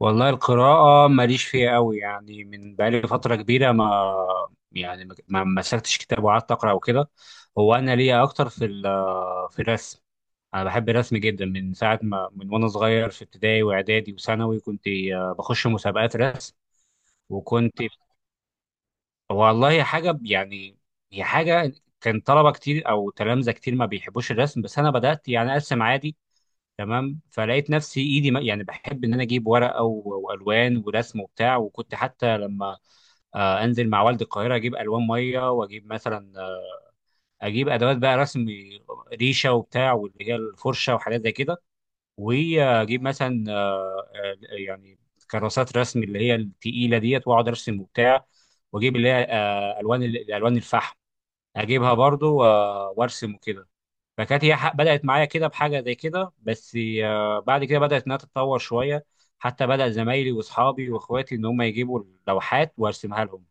والله القراءة ماليش فيها قوي. يعني من بقالي فترة كبيرة ما يعني ما مسكتش كتاب وقعدت أقرأ وكده. هو أنا ليا أكتر في في الرسم. أنا بحب الرسم جدا من ساعة ما وأنا صغير، في ابتدائي وإعدادي وثانوي كنت بخش مسابقات رسم. وكنت والله حاجة يعني، هي حاجة، كان طلبة كتير أو تلامذة كتير ما بيحبوش الرسم، بس أنا بدأت يعني أرسم عادي. تمام، فلقيت نفسي ايدي يعني بحب ان انا اجيب ورقه والوان ورسم وبتاع. وكنت حتى لما انزل مع والد القاهره اجيب الوان ميه، واجيب مثلا اجيب ادوات بقى رسم، ريشه وبتاع واللي هي الفرشه وحاجات زي كده. واجيب مثلا يعني كراسات رسم اللي هي التقيله ديت، واقعد ارسم وبتاع. واجيب اللي هي الالوان الفحم، اجيبها برضو وارسم وكده. فكانت هي بدأت معايا كده بحاجة زي كده بس. بعد كده بدأت إنها تتطور شوية، حتى بدأ زمايلي وأصحابي وإخواتي إن هم يجيبوا اللوحات وأرسمها لهم.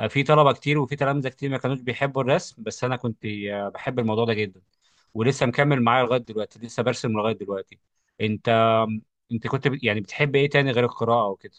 في طلبة كتير وفي تلامذة كتير ما كانوش بيحبوا الرسم، بس أنا كنت بحب الموضوع ده جدا، ولسه مكمل معايا لغاية دلوقتي، لسه برسم لغاية دلوقتي. أنت أنت كنت يعني بتحب إيه تاني غير القراءة وكده؟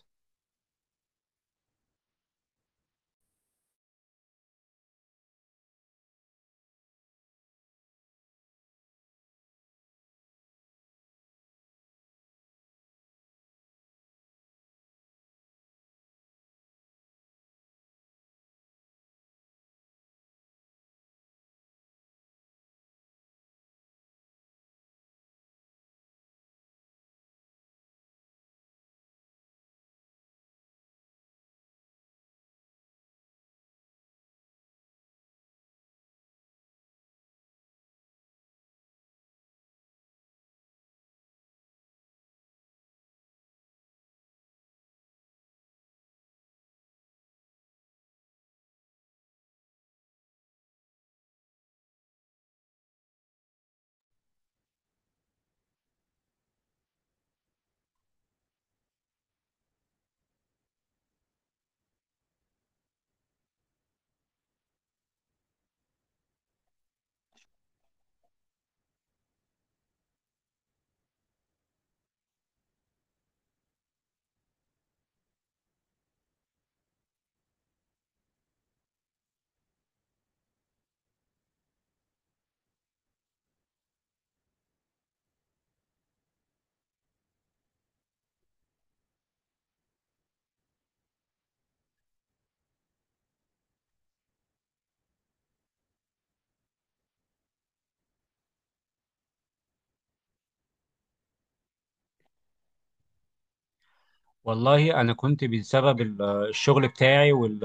والله أنا كنت بسبب الشغل بتاعي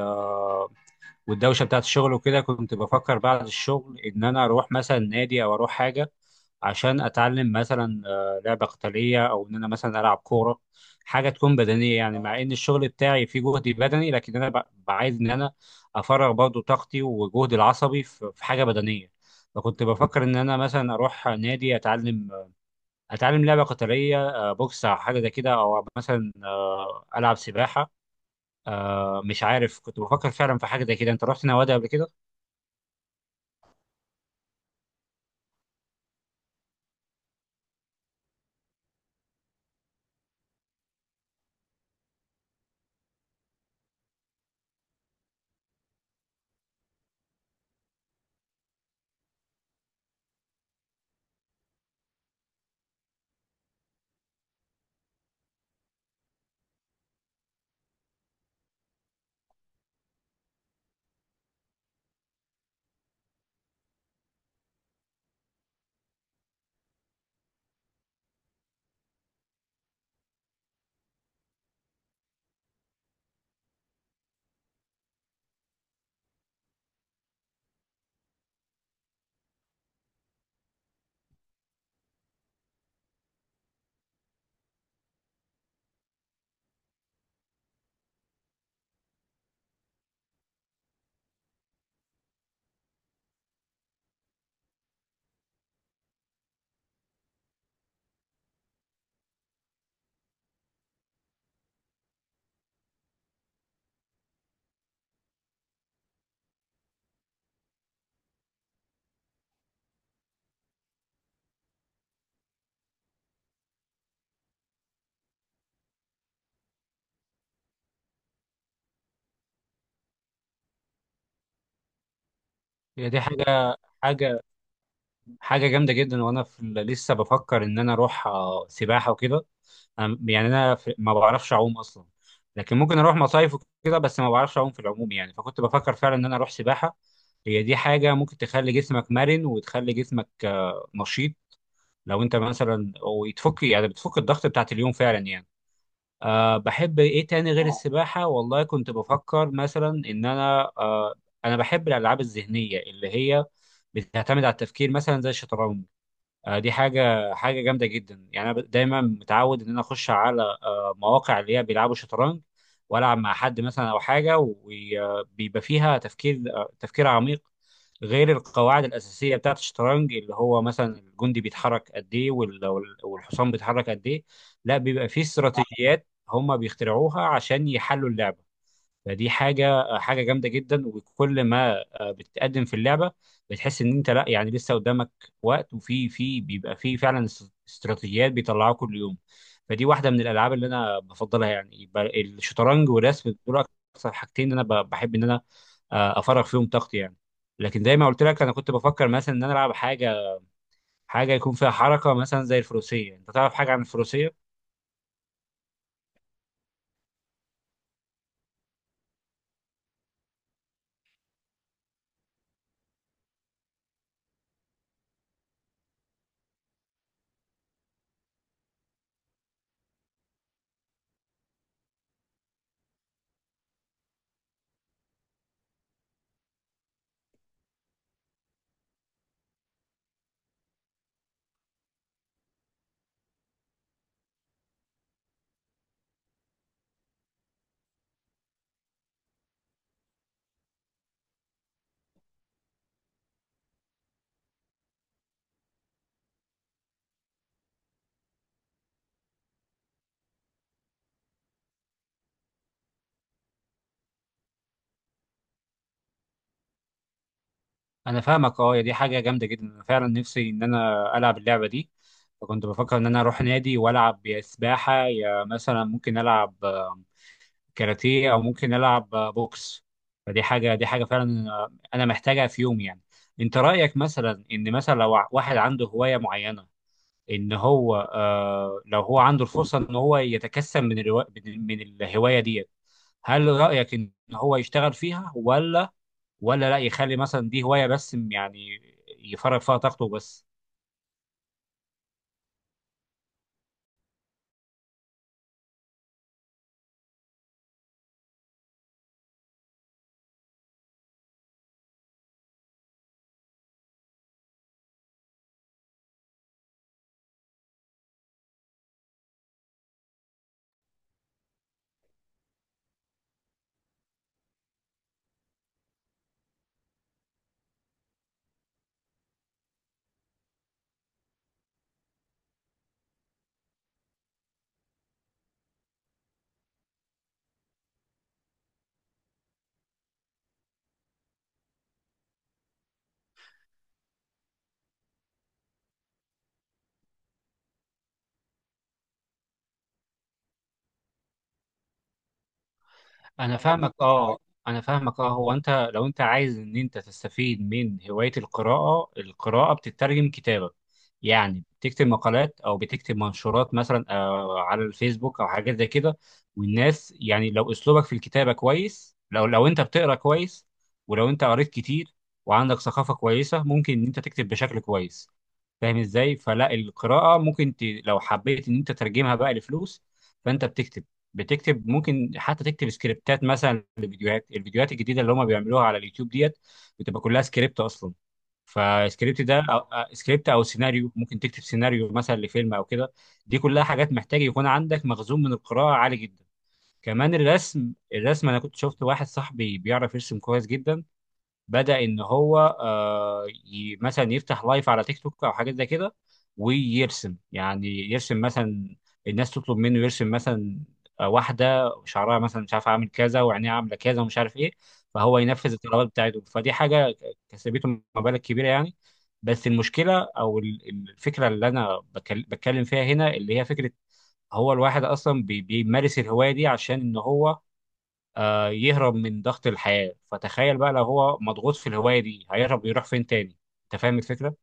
والدوشه بتاعت الشغل وكده، كنت بفكر بعد الشغل ان انا اروح مثلا نادي او اروح حاجه عشان اتعلم مثلا لعبه قتاليه، او ان انا مثلا العب كوره، حاجه تكون بدنيه يعني. مع ان الشغل بتاعي فيه جهد بدني، لكن انا بعايز ان انا افرغ برضو طاقتي وجهدي العصبي في حاجه بدنيه. فكنت بفكر ان انا مثلا اروح نادي اتعلم، اتعلم لعبه قتاليه بوكس او حاجه زي كده، او مثلا العب سباحه. مش عارف، كنت بفكر فعلا في حاجه زي كده. انت رحت نوادي قبل كده؟ هي دي حاجة حاجة حاجة جامدة جدا، وأنا في لسه بفكر إن أنا أروح سباحة وكده. يعني ما بعرفش أعوم أصلا، لكن ممكن أروح مصايف وكده، بس ما بعرفش أعوم في العموم يعني. فكنت بفكر فعلا إن أنا أروح سباحة، هي دي حاجة ممكن تخلي جسمك مرن وتخلي جسمك نشيط، لو أنت مثلا ويتفك يعني بتفك الضغط بتاعت اليوم فعلا يعني. بحب إيه تاني غير السباحة؟ والله كنت بفكر مثلا إن أنا بحب الألعاب الذهنية اللي هي بتعتمد على التفكير مثلا زي الشطرنج. دي حاجه جامده جدا، يعني انا دايما متعود ان انا اخش على مواقع اللي هي بيلعبوا شطرنج، والعب مع حد مثلا او حاجه، وبيبقى فيها تفكير عميق، غير القواعد الاساسيه بتاعت الشطرنج اللي هو مثلا الجندي بيتحرك قد ايه والحصان بيتحرك قد ايه. لا، بيبقى فيه استراتيجيات هم بيخترعوها عشان يحلوا اللعبه. فدي حاجه جامده جدا، وكل ما بتتقدم في اللعبه بتحس ان انت لا، يعني لسه قدامك وقت، وفي بيبقى في فعلا استراتيجيات بيطلعوها كل يوم. فدي واحده من الالعاب اللي انا بفضلها، يعني يبقى الشطرنج والرسم دول اكثر حاجتين انا بحب ان انا افرغ فيهم طاقتي يعني. لكن زي ما قلت لك، انا كنت بفكر مثلا ان انا العب حاجه، حاجه يكون فيها حركه مثلا زي الفروسيه. انت تعرف حاجه عن الفروسيه؟ انا فاهمك اه، دي حاجه جامده جدا. انا فعلا نفسي ان انا العب اللعبه دي، فكنت بفكر ان انا اروح نادي والعب يا سباحه يا مثلا ممكن العب كاراتيه، او ممكن العب بوكس. فدي حاجه فعلا انا محتاجها في يوم يعني. انت رايك مثلا ان مثلا لو واحد عنده هوايه معينه، ان هو آه لو هو عنده الفرصه ان هو يتكسب من الروا... من من الهوايه ديت، هل رايك ان هو يشتغل فيها، ولا لا يخلي مثلا دي هوايه بس يعني، يفرغ فيها طاقته بس؟ انا فاهمك اه، انا فاهمك اه. هو انت لو انت عايز ان انت تستفيد من هوايه القراءه، القراءه بتترجم كتابه، يعني بتكتب مقالات او بتكتب منشورات مثلا على الفيسبوك او حاجات زي كده. والناس يعني لو اسلوبك في الكتابه كويس، لو انت بتقرا كويس ولو انت قريت كتير وعندك ثقافه كويسه، ممكن ان انت تكتب بشكل كويس. فاهم ازاي؟ فلا، القراءه ممكن لو حبيت ان انت تترجمها بقى لفلوس، فانت بتكتب ممكن حتى تكتب سكريبتات مثلا لفيديوهات، الفيديوهات الجديده اللي هم بيعملوها على اليوتيوب ديت بتبقى كلها سكريبت اصلا. فالسكريبت ده سكريبت او سيناريو، ممكن تكتب سيناريو مثلا لفيلم او كده. دي كلها حاجات محتاج يكون عندك مخزون من القراءه عالي جدا. كمان الرسم، الرسم انا كنت شفت واحد صاحبي بيعرف يرسم كويس جدا، بدأ إن هو مثلا يفتح لايف على تيك توك أو حاجات زي كده، ويرسم يعني يرسم مثلا، الناس تطلب منه يرسم مثلا واحدة شعرها مثلا مش عارف عامل كذا وعينيها عاملة كذا ومش عارف إيه، فهو ينفذ الطلبات بتاعته. فدي حاجة كسبته مبالغ كبيرة يعني. بس المشكلة أو الفكرة اللي أنا بتكلم فيها هنا، اللي هي فكرة هو الواحد أصلا بيمارس الهواية دي عشان إن هو يهرب من ضغط الحياة، فتخيل بقى لو هو مضغوط في الهواية دي هيهرب يروح فين تاني؟ انت فاهم الفكرة؟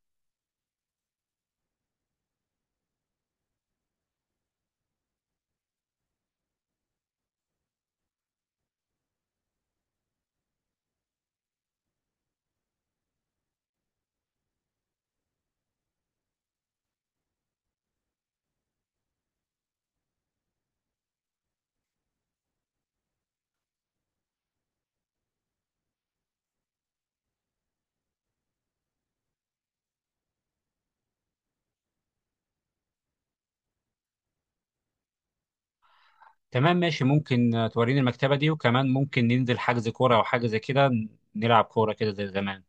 تمام، ماشي. ممكن توريني المكتبة دي، وكمان ممكن ننزل حجز كورة او حاجة زي كده، نلعب كورة كده زي زمان.